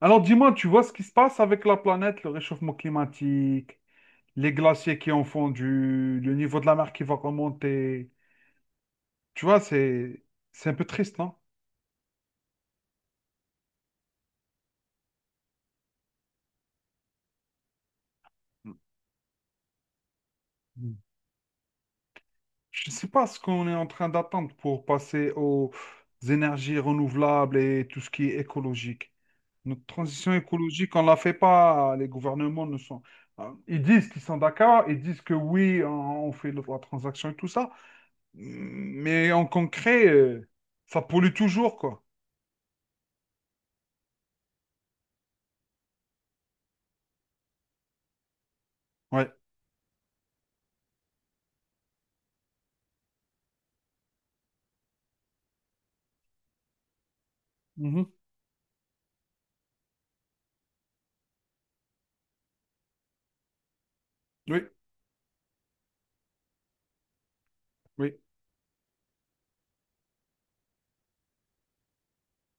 Alors dis-moi, tu vois ce qui se passe avec la planète, le réchauffement climatique, les glaciers qui ont fondu, le niveau de la mer qui va remonter. Tu vois, c'est un peu triste, non? Mm. Je ne sais pas ce qu'on est en train d'attendre pour passer aux énergies renouvelables et tout ce qui est écologique. Notre transition écologique, on ne la fait pas. Les gouvernements ne sont... Ils disent qu'ils sont d'accord, ils disent que oui, on fait la transaction et tout ça. Mais en concret, ça pollue toujours, quoi. Ouais. Mhm. Oui, oui,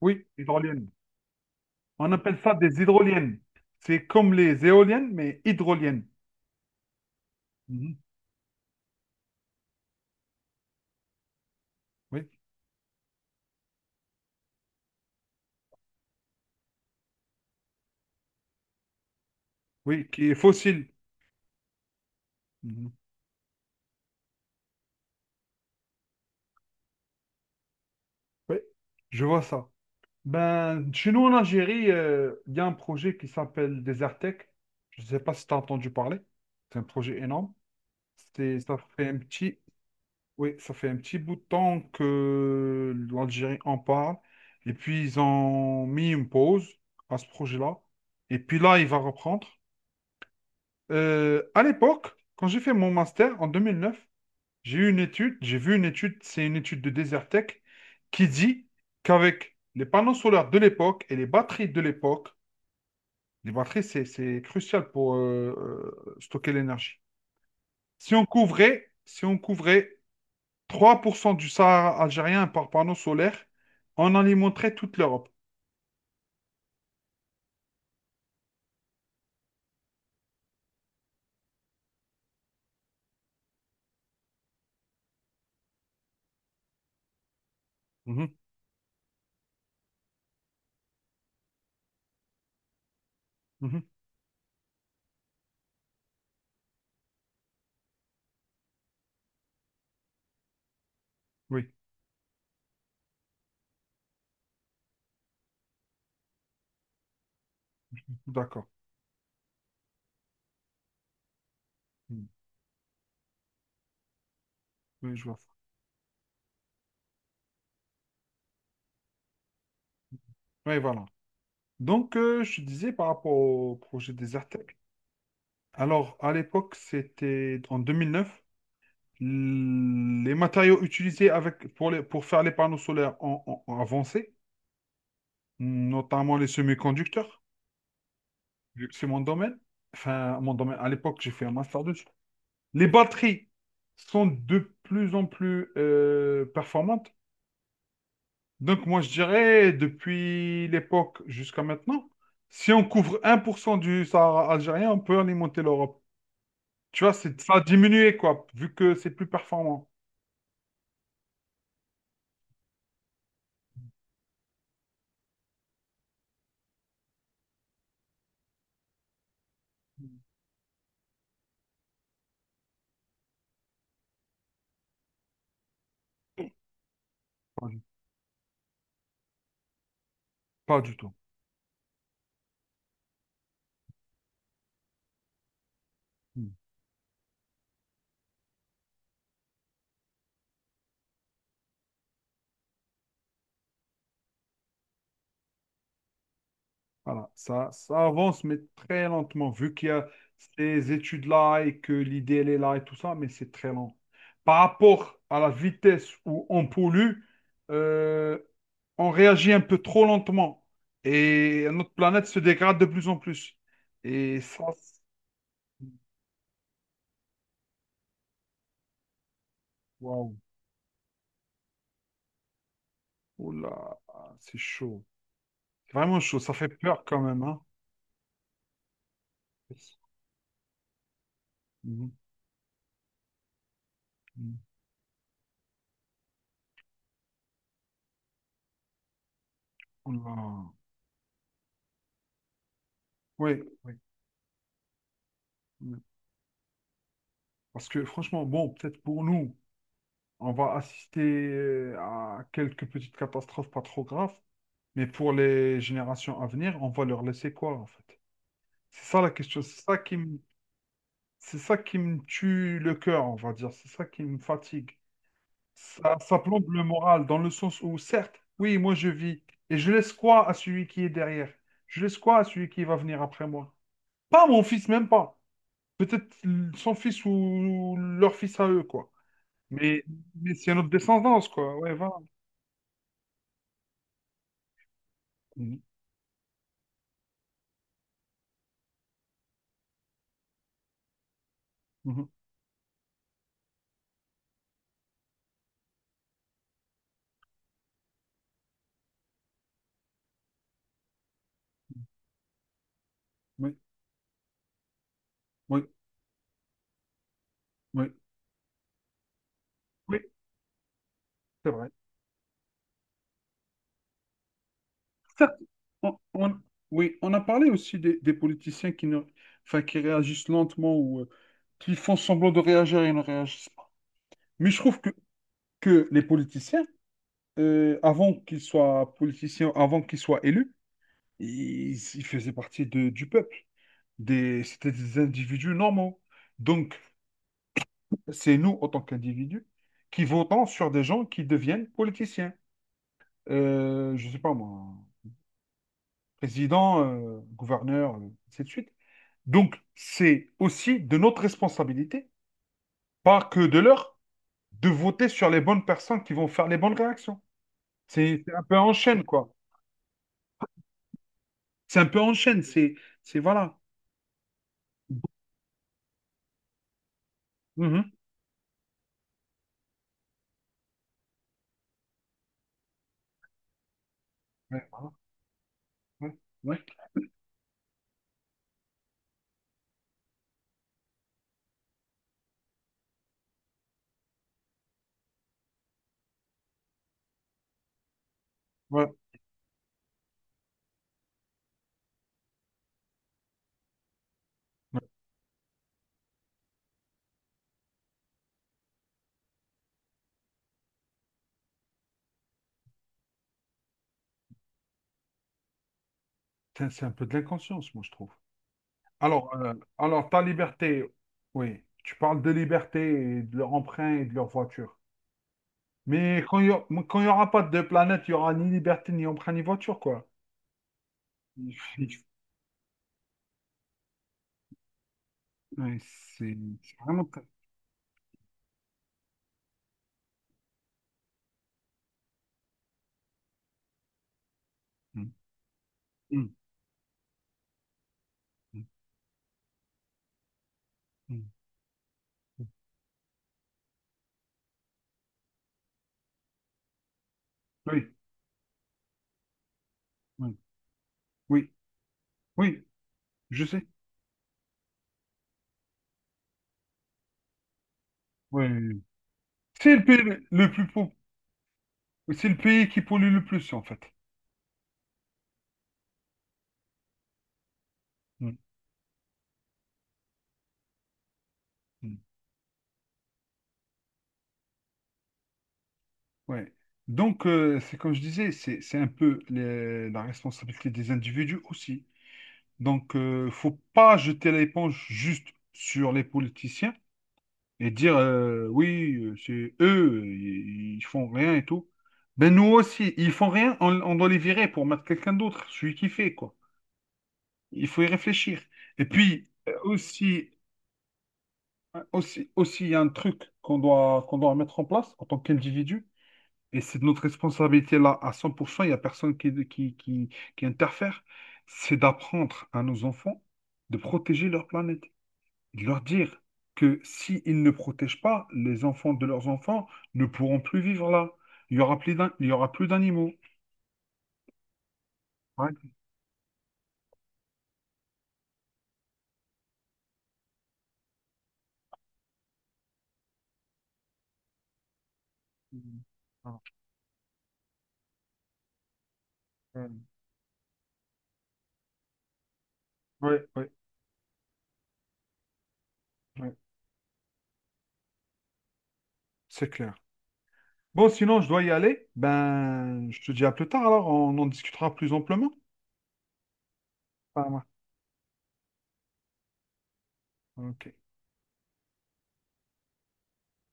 oui, hydroliennes. On appelle ça des hydroliennes. C'est comme les éoliennes, mais hydroliennes. Mhm. Oui, oui, qui est fossile. Mhm. Oui, je vois ça. Ben, chez nous en Algérie, il y a un projet qui s'appelle Desertec. Je ne sais pas si tu as entendu parler. C'est un projet énorme. C'est, ça fait un petit. Oui, ça fait un petit bout de temps que l'Algérie en parle. Et puis, ils ont mis une pause à ce projet-là. Et puis là, il va reprendre. À l'époque, quand j'ai fait mon master en 2009, j'ai eu une étude, j'ai vu une étude, c'est une étude de Desertec, qui dit qu'avec les panneaux solaires de l'époque et les batteries de l'époque, les batteries, c'est crucial pour stocker l'énergie. Si on couvrait 3% du Sahara algérien par panneau solaire en alimenterait toute l'Europe. Mhm, mhm, oui, d'accord. Mm. Oui, je vois. Oui, voilà. Donc, je disais par rapport au projet Desertec. Alors, à l'époque, c'était en 2009. Les matériaux utilisés avec, pour, pour faire les panneaux solaires ont avancé, notamment les semi-conducteurs, vu que c'est mon domaine. Enfin, mon domaine, à l'époque, j'ai fait un master 2. Les batteries sont de plus en plus performantes. Donc moi, je dirais, depuis l'époque jusqu'à maintenant, si on couvre 1% du Sahara algérien, on peut alimenter l'Europe. Tu vois, c'est, ça a diminué, quoi, vu que c'est plus performant. Pas du, pas du tout. Mm. Voilà, ça avance, mais très lentement, vu qu'il y a ces études-là et que l'idée, elle est là et tout ça, mais c'est très lent. Par rapport à la vitesse où on pollue, euh, on réagit un peu trop lentement et notre planète se dégrade de plus en plus. Et ça, c'est-. Waouh, oh là c'est chaud. C'est vraiment chaud, ça fait peur quand même, hein. Mhm, mhm. Oula. Oui, oui. Oui. Parce que franchement, bon, peut-être pour nous. On va assister à quelques petites catastrophes pas trop graves, mais pour les générations à venir, on va leur laisser quoi en fait? C'est ça la question, c'est ça qui me tue le cœur, on va dire, c'est ça qui me fatigue. Ça plombe le moral dans le sens où, certes, oui, moi je vis, et je laisse quoi à celui qui est derrière? Je laisse quoi à celui qui va venir après moi? Pas mon fils, même pas. Peut-être son fils ou leur fils à eux, quoi. Mais, mais c'est notre descendance, quoi. Ouais, voilà. Mhm. Mhm. Oui, oui, oui, oui, c'est vrai. Certes, on, on- oui, on a parlé aussi des politiciens qui ne, enfin, qui réagissent lentement ou qui font semblant de réagir et ne réagissent pas. Mais je trouve que les politiciens, avant qu'ils soient politiciens, avant qu'ils soient élus, ils faisaient partie du peuple. Des, c'était des individus normaux. Donc, c'est nous, en tant qu'individus, qui votons sur des gens qui deviennent politiciens. Je sais pas moi. Président, gouverneur, ainsi de suite. Donc, c'est aussi de notre responsabilité, pas que de leur, de voter sur les bonnes personnes qui vont faire les bonnes réactions. C'est un peu en chaîne, quoi. C'est un peu en chaîne, voilà. Mhm. Ouais, voilà. Ouais, ouais, ouais, ouais. Putain, c'est un peu de l'inconscience, moi, je trouve. Alors, ta liberté, oui, tu parles de liberté et de leur emprunt et de leur voiture. Mais quand il n'y aura pas de planète, il n'y aura ni liberté, ni emprunt, ni voiture, quoi. Il fait- du- ouais, c'est c'est vraiment. Très-. Mm, mm, mm, mm. Oui, oui, oui, oui, je sais. Ouais. C'est le pays le plus pauvre. C'est le pays qui pollue le plus, en fait. Mm, mm. Ouais. Donc, c'est comme je disais, c'est un peu les- la responsabilité des individus aussi. Donc, faut pas jeter l'éponge juste sur les politiciens. Et dire oui, c'est eux, ils font rien et tout. Ben nous aussi, ils font rien, on doit les virer pour mettre quelqu'un d'autre, celui qui fait, quoi. Il faut y réfléchir. Et puis aussi, il y a un truc qu'on doit mettre en place en tant qu'individu, et c'est de notre responsabilité là à 100%, il n'y a personne qui interfère, c'est d'apprendre à nos enfants de protéger leur planète. De leur dire que s'ils ne protègent pas, les enfants de leurs enfants ne pourront plus vivre là. Il y aura plus d'animaux. Ouais, ouais, ouais, ouais, ouais, c'est clair. Bon, sinon, je dois y aller. Ben, je te dis à plus tard, alors on en discutera plus amplement. Ah, ouais. Ok.